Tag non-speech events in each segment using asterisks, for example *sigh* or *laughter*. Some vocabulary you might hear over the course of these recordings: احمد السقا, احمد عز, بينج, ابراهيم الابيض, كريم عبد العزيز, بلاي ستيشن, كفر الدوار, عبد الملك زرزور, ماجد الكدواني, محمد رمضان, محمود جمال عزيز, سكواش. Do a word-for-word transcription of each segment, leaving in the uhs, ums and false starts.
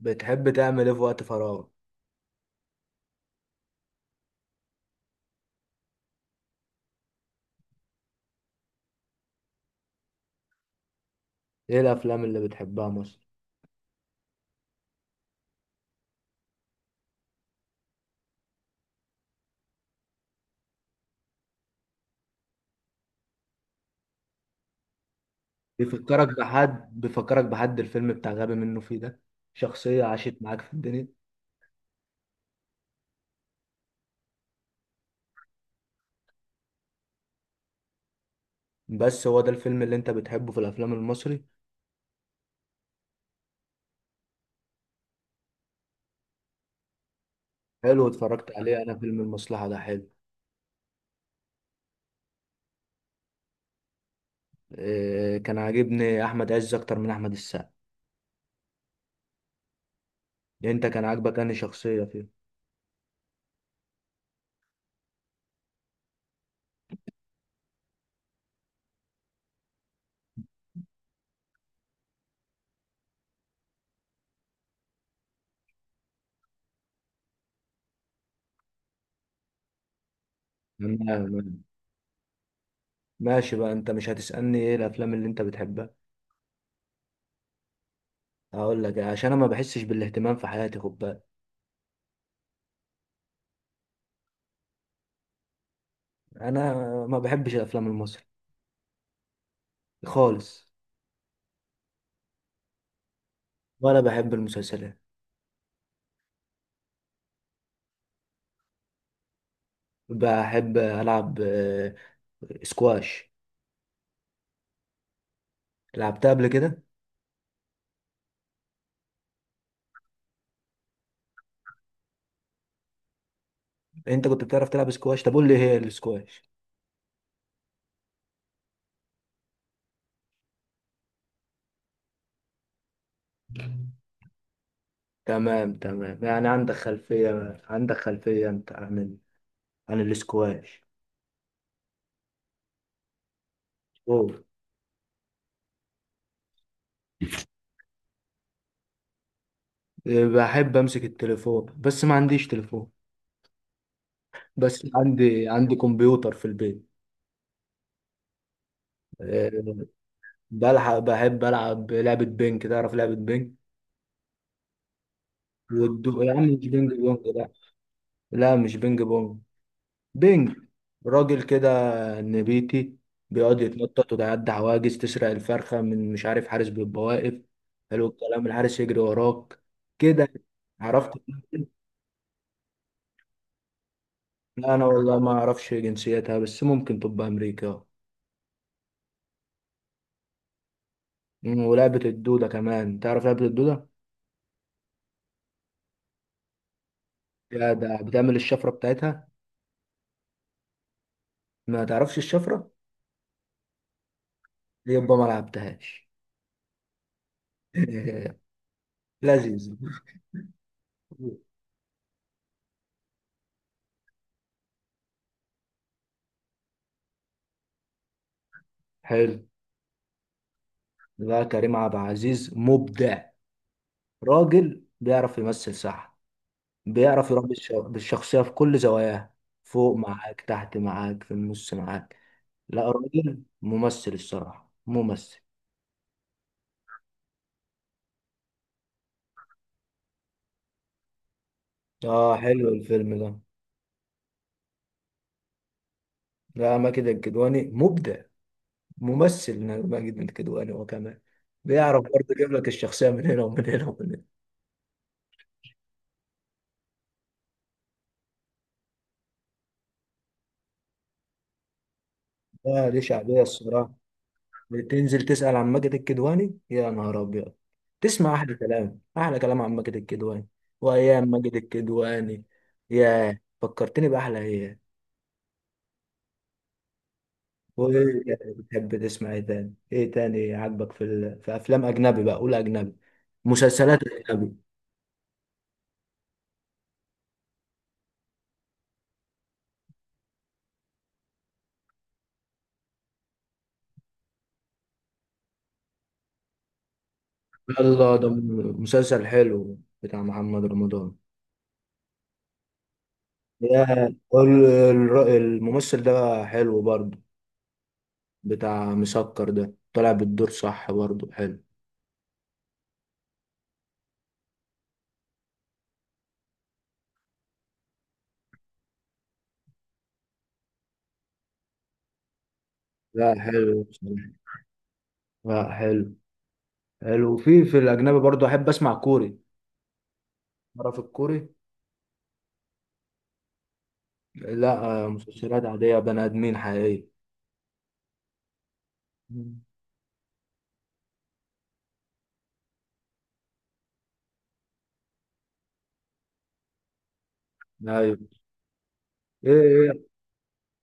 بتحب تعمل ايه في وقت فراغ؟ ايه الافلام اللي بتحبها مثلا؟ بيفكرك بحد بيفكرك بحد الفيلم بتاع غبي منه فيه ده. شخصية عاشت معاك في الدنيا؟ بس هو ده الفيلم اللي انت بتحبه في الافلام المصري؟ حلو، اتفرجت عليه انا، فيلم المصلحة ده حلو. إيه، كان عاجبني احمد عز اكتر من احمد السقا. انت كان عاجبك انهي شخصية فيه؟ تمام. ماشي بقى، انت مش هتسألني ايه الافلام اللي انت بتحبها؟ هقول لك عشان انا ما بحسش بالاهتمام في حياتي، خد بالك. انا ما بحبش الافلام المصري. خالص. وأنا بحب المسلسلات. بحب ألعب آه، سكواش. لعبتها قبل كده. أنت كنت بتعرف تلعب سكواش؟ طب قول لي هي السكواش. تمام تمام، يعني عندك خلفية عندك خلفية أنت عن ال... عن السكواش. أوه. بحب أمسك التليفون بس ما عنديش تليفون. بس عندي عندي كمبيوتر في البيت. أه. بلحق بحب ألعب لعبة بينج. تعرف لعبة بينج؟ والدو... يا عم مش بينج بونج، لا. لا، مش بينج بونج. بينج. راجل كده. نبيتي. بيقعد يتنطط ويعدي عواجز تسرق الفرخة من مش عارف، حارس بيبقى واقف. حلو الكلام. الحارس يجري وراك كده. عرفت؟ لا انا والله ما اعرفش جنسيتها، بس ممكن تبقى امريكا. مم، ولعبة الدودة كمان، تعرف لعبة الدودة؟ يا ده بتعمل الشفرة بتاعتها؟ ما تعرفش الشفرة؟ يبقى ما لعبتهاش. *laughs* لذيذ. حلو. لا، كريم عبد العزيز مبدع. راجل بيعرف يمثل صح. بيعرف يربي الش- الشخصية في كل زواياها. فوق معاك، تحت معاك، في النص معاك. لا، راجل ممثل الصراحة، ممثل. اه حلو الفيلم ده. لا، ماجد الكدواني مبدع. ممثل. ماجد الكدواني هو كمان بيعرف برضه يجيب لك الشخصية من هنا ومن هنا ومن هنا. اه دي شعبية الصراحة. تنزل تسأل عن ماجد الكدواني، يا نهار أبيض. تسمع أحلى كلام، أحلى كلام عن ماجد الكدواني. وأيام ماجد الكدواني. ياه، فكرتني بأحلى أيام. وايه؟ بتحب تسمع ايه تاني؟ ايه تاني عاجبك في ال... في افلام اجنبي بقى، قول اجنبي. مسلسلات اجنبي. يلا ده م- مسلسل حلو بتاع محمد رمضان. يا ال- ال- الممثل ده حلو برضه. بتاع مسكر ده طلع بالدور صح برضه، حلو. لا حلو بصراحة. لا حلو. حلو. في في الاجنبي برضه احب اسمع كوري. تعرف الكوري؟ لا، آه، مسلسلات عادية بني ادمين حقيقية. مم. ايوه. ايه إيه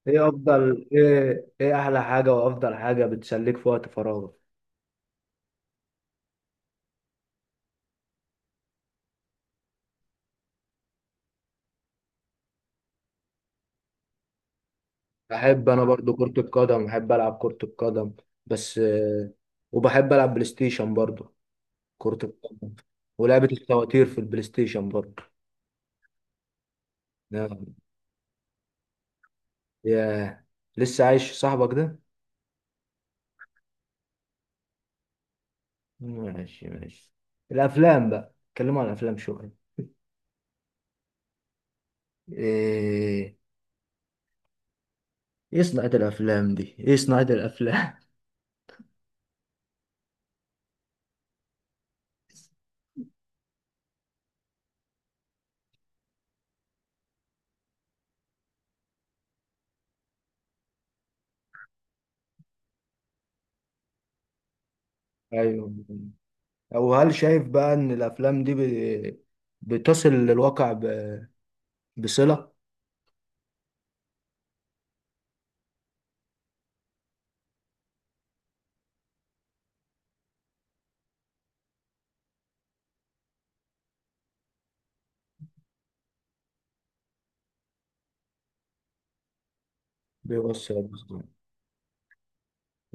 ايه افضل، ايه ايه احلى حاجه وافضل حاجه بتسليك في وقت فراغك؟ بحب انا برضو كرة القدم، بحب العب كرة القدم. بس آه، وبحب العب بلاي ستيشن برضو. كرة القدم. ولعبة الفواتير في البلاي ستيشن برضو. نعم. يا، لسه عايش صاحبك ده؟ ماشي ماشي. الافلام بقى، اتكلموا عن الافلام شوية. ايه؟ ايه صناعة الافلام دي، ايه صناعة الافلام؟ *laughs* ايوه. او هل شايف بقى ان الافلام دي ب- بتصل للواقع ب- بصلة؟ بيوصل بصلة.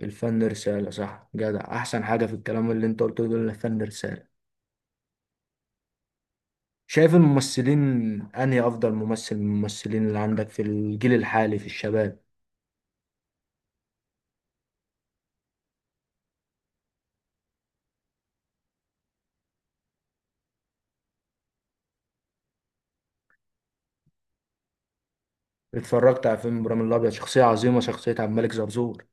الفن رسالة صح، جدع، احسن حاجة في الكلام اللي انت قلته ده إن الفن رسالة. شايف الممثلين، انهي افضل ممثل من الممثلين اللي عندك في الجيل الحالي في الشباب؟ اتفرجت على فيلم ابراهيم الابيض، شخصية عظيمة، شخصية عبد الملك زرزور.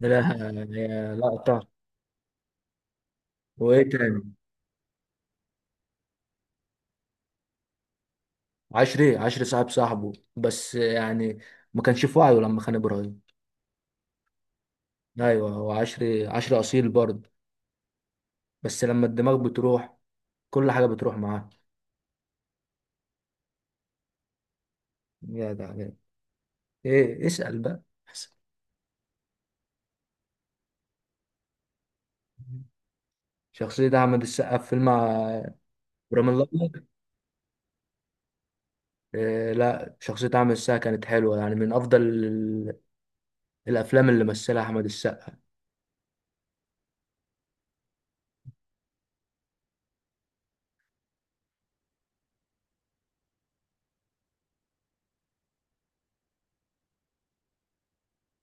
لا. يا لقطة. وايه تاني؟ عشري عشري صاحب صاحبه، بس يعني ما كانش في وعيه لما خان ابراهيم. ايوه، هو عشري عشري اصيل برضه. بس لما الدماغ بتروح كل حاجه بتروح معاه. يا ده عليك. ايه، اسال بقى. اسأل. شخصيه احمد السقا في فيلم ع- ابراهيم الابيض. إيه لا، شخصيه احمد السقا كانت حلوه، يعني من افضل ال- الافلام اللي مثلها احمد السقا.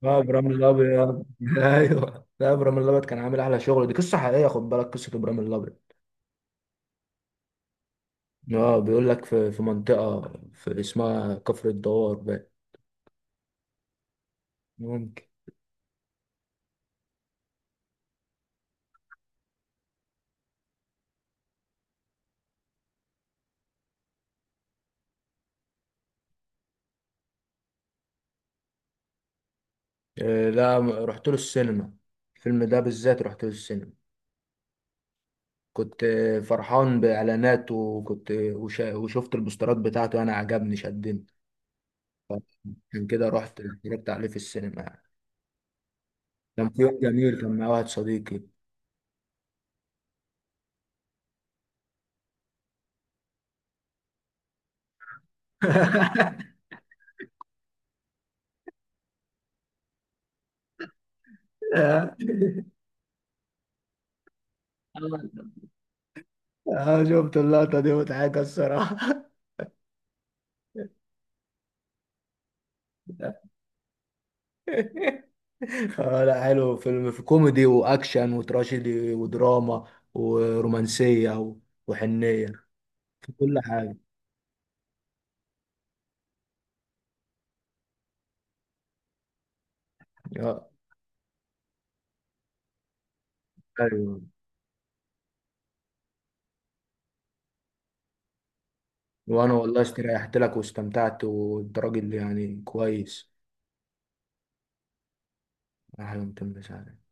اه ابراهيم الابيض. *laughs* ايوه لا، ابراهيم الابيض كان عامل احلى شغل، دي قصه حقيقيه، خد بالك، قصه ابراهيم الابيض. اه بيقول لك في في منطقه في اسمها كفر الدوار. بقى. آه، لا م- رحت له السينما. الفيلم ده بالذات رحت له السينما. كنت آه، فرحان بإعلاناته، وكنت آه، وش- وشفت البوسترات بتاعته، أنا عجبني شدني. عشان كده رحت اتفرجت عليه في السينما يعني. كان في يوم جميل كان مع واحد صديقي. *laughs* آه، آه، شفت اللقطة دي مضحكة الصراحة. *laughs* اه لا حلو فيلم، في كوميدي واكشن وتراجيدي ودراما ورومانسيه و- وحنيه. في كل حاجه. آه. ايوه. وانا والله استريحت لك واستمتعت، وانت راجل يعني كويس. احلى من تمام.